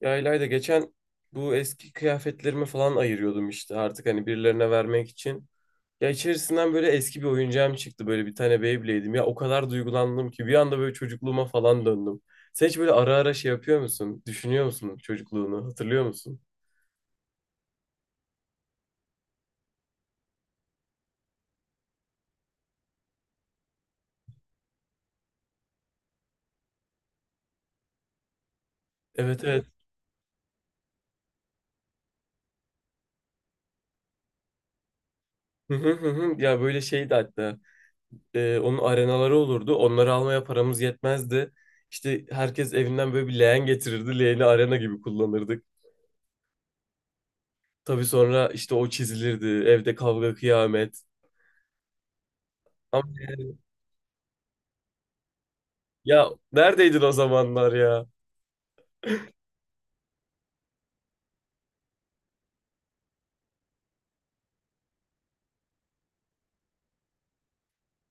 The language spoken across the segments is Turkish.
Ya İlayda geçen bu eski kıyafetlerimi falan ayırıyordum işte artık hani birilerine vermek için. Ya içerisinden böyle eski bir oyuncağım çıktı, böyle bir tane Beyblade'im. Ya o kadar duygulandım ki bir anda böyle çocukluğuma falan döndüm. Sen hiç böyle ara ara şey yapıyor musun? Düşünüyor musun çocukluğunu? Hatırlıyor musun? Evet, evet. Hı hı, hı hı. Ya böyle şeydi hatta. Onun arenaları olurdu. Onları almaya paramız yetmezdi. İşte herkes evinden böyle bir leğen getirirdi. Leğeni arena gibi kullanırdık. Tabii sonra işte o çizilirdi. Evde kavga kıyamet. Ama ya neredeydin o zamanlar ya?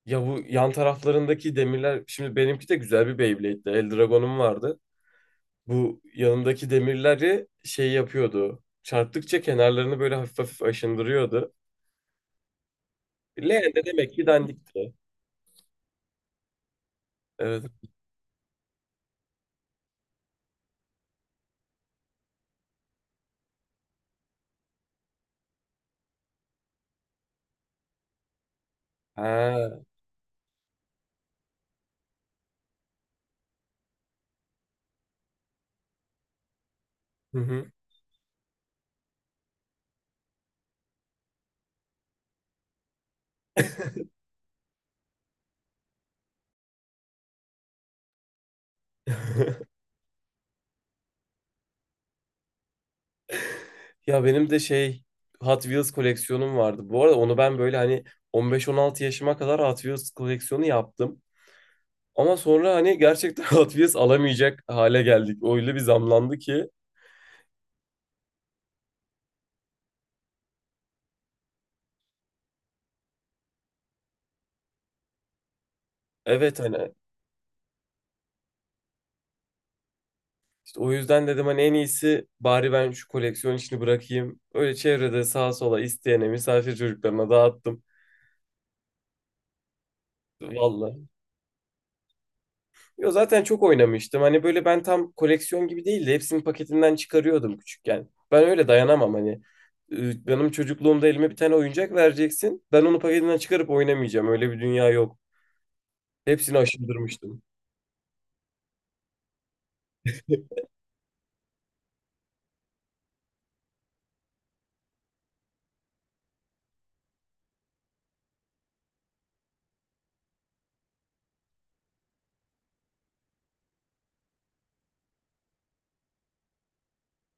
Ya bu yan taraflarındaki demirler, şimdi benimki de güzel bir Beyblade'di. Eldragon'um vardı. Bu yanındaki demirleri şey yapıyordu. Çarptıkça kenarlarını böyle hafif hafif aşındırıyordu. Leğen de demek ki dandikti. Evet. Ha. Hı hı. Ya benim de şey, Hot Wheels koleksiyonum vardı. Bu arada onu ben böyle hani 15-16 yaşıma kadar Hot Wheels koleksiyonu yaptım. Ama sonra hani gerçekten Hot alamayacak hale geldik. Öyle bir zamlandı ki. Evet, hani işte o yüzden dedim hani en iyisi bari ben şu koleksiyon işini bırakayım. Öyle çevrede sağa sola isteyene, misafir çocuklarına dağıttım. Vallahi. Yo, zaten çok oynamıştım. Hani böyle ben tam koleksiyon gibi değil de hepsini paketinden çıkarıyordum küçükken. Ben öyle dayanamam hani. Benim çocukluğumda elime bir tane oyuncak vereceksin. Ben onu paketinden çıkarıp oynamayacağım. Öyle bir dünya yok. Hepsini aşındırmıştım.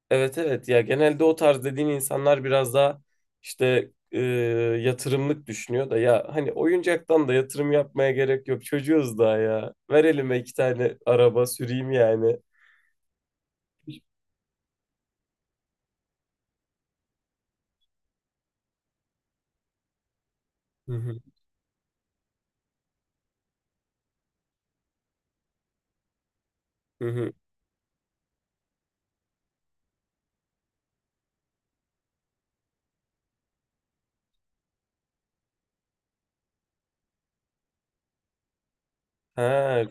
Evet, evet, ya genelde o tarz dediğin insanlar biraz daha işte yatırımlık düşünüyor da, ya hani oyuncaktan da yatırım yapmaya gerek yok, çocuğuz daha, ya ver elime iki tane araba süreyim yani. Hı hı, hı hı. Ha,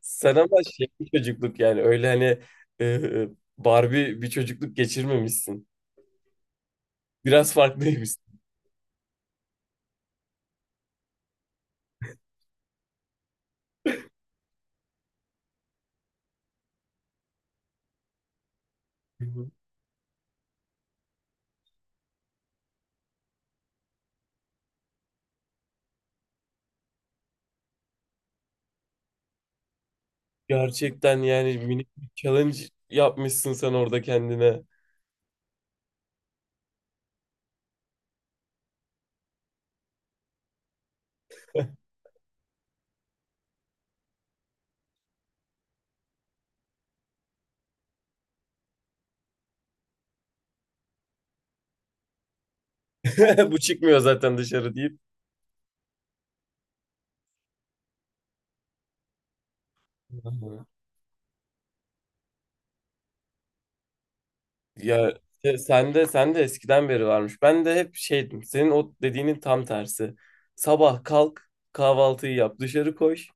sen ama şey bir çocukluk yani, öyle hani, e, Barbie bir çocukluk geçirmemişsin, biraz farklıymışsın. Gerçekten yani minik bir challenge yapmışsın sen orada kendine. Bu çıkmıyor zaten dışarı deyip. Hı. Ya sen de, sen de eskiden beri varmış. Ben de hep şeydim. Senin o dediğinin tam tersi. Sabah kalk, kahvaltıyı yap, dışarı koş.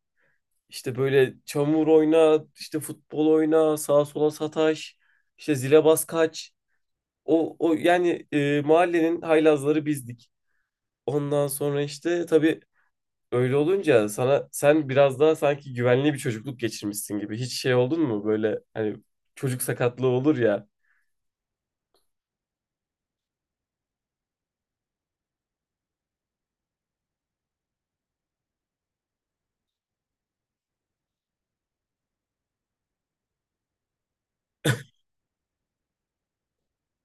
İşte böyle çamur oyna, işte futbol oyna, sağa sola sataş, işte zile bas kaç. O yani, mahallenin haylazları bizdik. Ondan sonra işte tabii, öyle olunca sana sen biraz daha sanki güvenli bir çocukluk geçirmişsin gibi. Hiç şey oldun mu böyle hani, çocuk sakatlığı olur ya.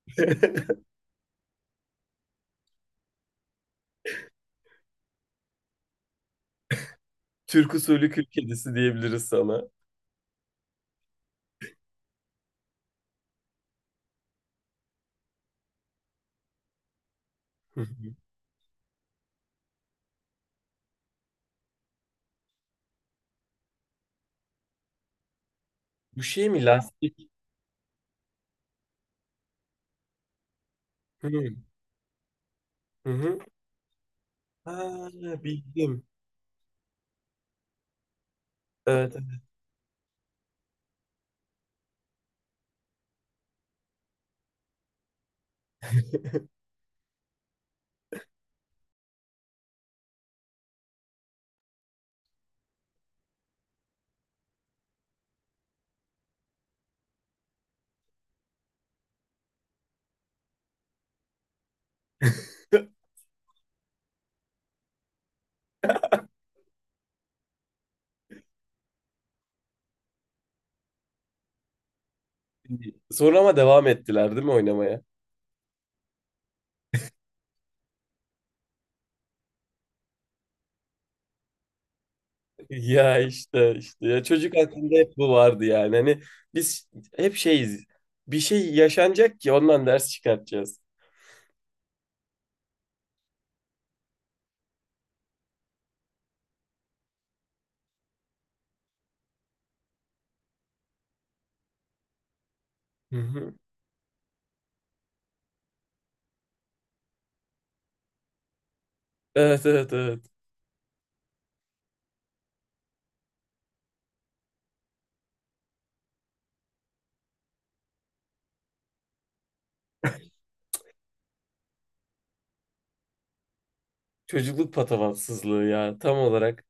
Türk usulü kül kedisi diyebiliriz sana. Hı hı. Bu şey mi, lastik? Hı hı. Hı. Ha, bildim. Evet. Sonra ama devam ettiler değil mi oynamaya? Ya işte işte ya, çocuk aklında hep bu vardı yani. Hani biz hep şeyiz. Bir şey yaşanacak ki ondan ders çıkartacağız. Hı hı. Evet, evet, evet. Çocukluk patavatsızlığı ya, tam olarak.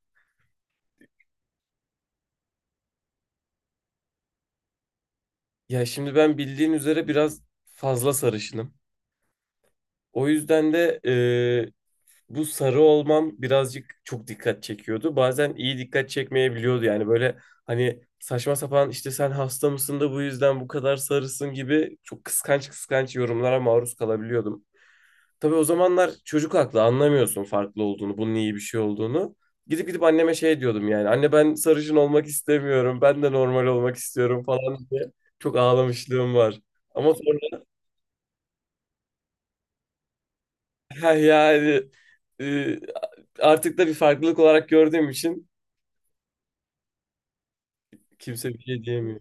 Ya şimdi ben bildiğin üzere biraz fazla sarışınım. O yüzden de bu sarı olmam birazcık çok dikkat çekiyordu. Bazen iyi dikkat çekmeyebiliyordu. Yani böyle hani saçma sapan işte sen hasta mısın da bu yüzden bu kadar sarısın gibi çok kıskanç kıskanç yorumlara maruz kalabiliyordum. Tabii o zamanlar çocuk aklı, anlamıyorsun farklı olduğunu, bunun iyi bir şey olduğunu. Gidip gidip anneme şey diyordum yani. Anne ben sarışın olmak istemiyorum. Ben de normal olmak istiyorum falan diye. Çok ağlamışlığım var. Ama sonra yani, e, artık da bir farklılık olarak gördüğüm için kimse bir şey diyemiyor.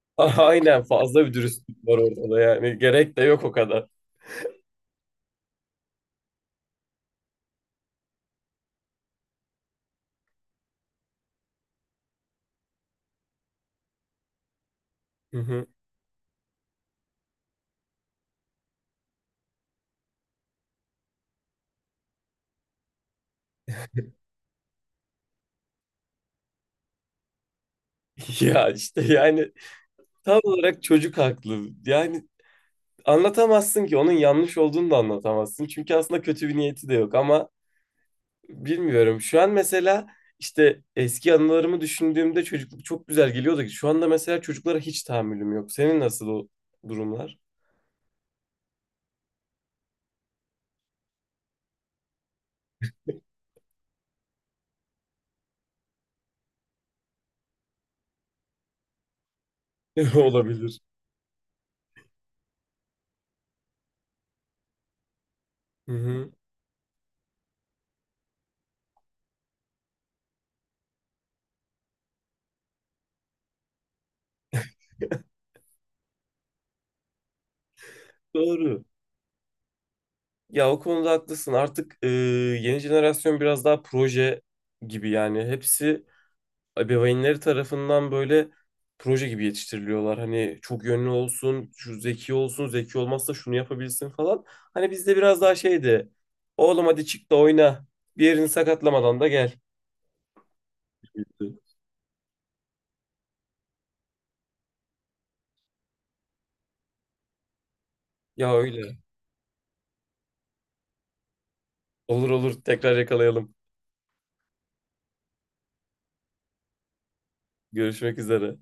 Aynen, fazla bir dürüstlük var ortada yani. Gerek de yok o kadar. Hı hı. Ya işte yani tam olarak çocuk haklı. Yani anlatamazsın ki, onun yanlış olduğunu da anlatamazsın. Çünkü aslında kötü bir niyeti de yok ama bilmiyorum. Şu an mesela işte eski anılarımı düşündüğümde çocukluk çok güzel geliyordu ki. Şu anda mesela çocuklara hiç tahammülüm yok. Senin nasıl o durumlar? Olabilir. Hı hı. Doğru. Ya o konuda haklısın. Artık yeni jenerasyon biraz daha proje gibi, yani hepsi ebeveynleri tarafından böyle proje gibi yetiştiriliyorlar. Hani çok yönlü olsun, şu zeki olsun, zeki olmazsa şunu yapabilsin falan. Hani bizde biraz daha şeydi. Oğlum hadi çık da oyna. Bir yerini sakatlamadan da gel. Ya öyle. Olur, olur, tekrar yakalayalım. Görüşmek üzere.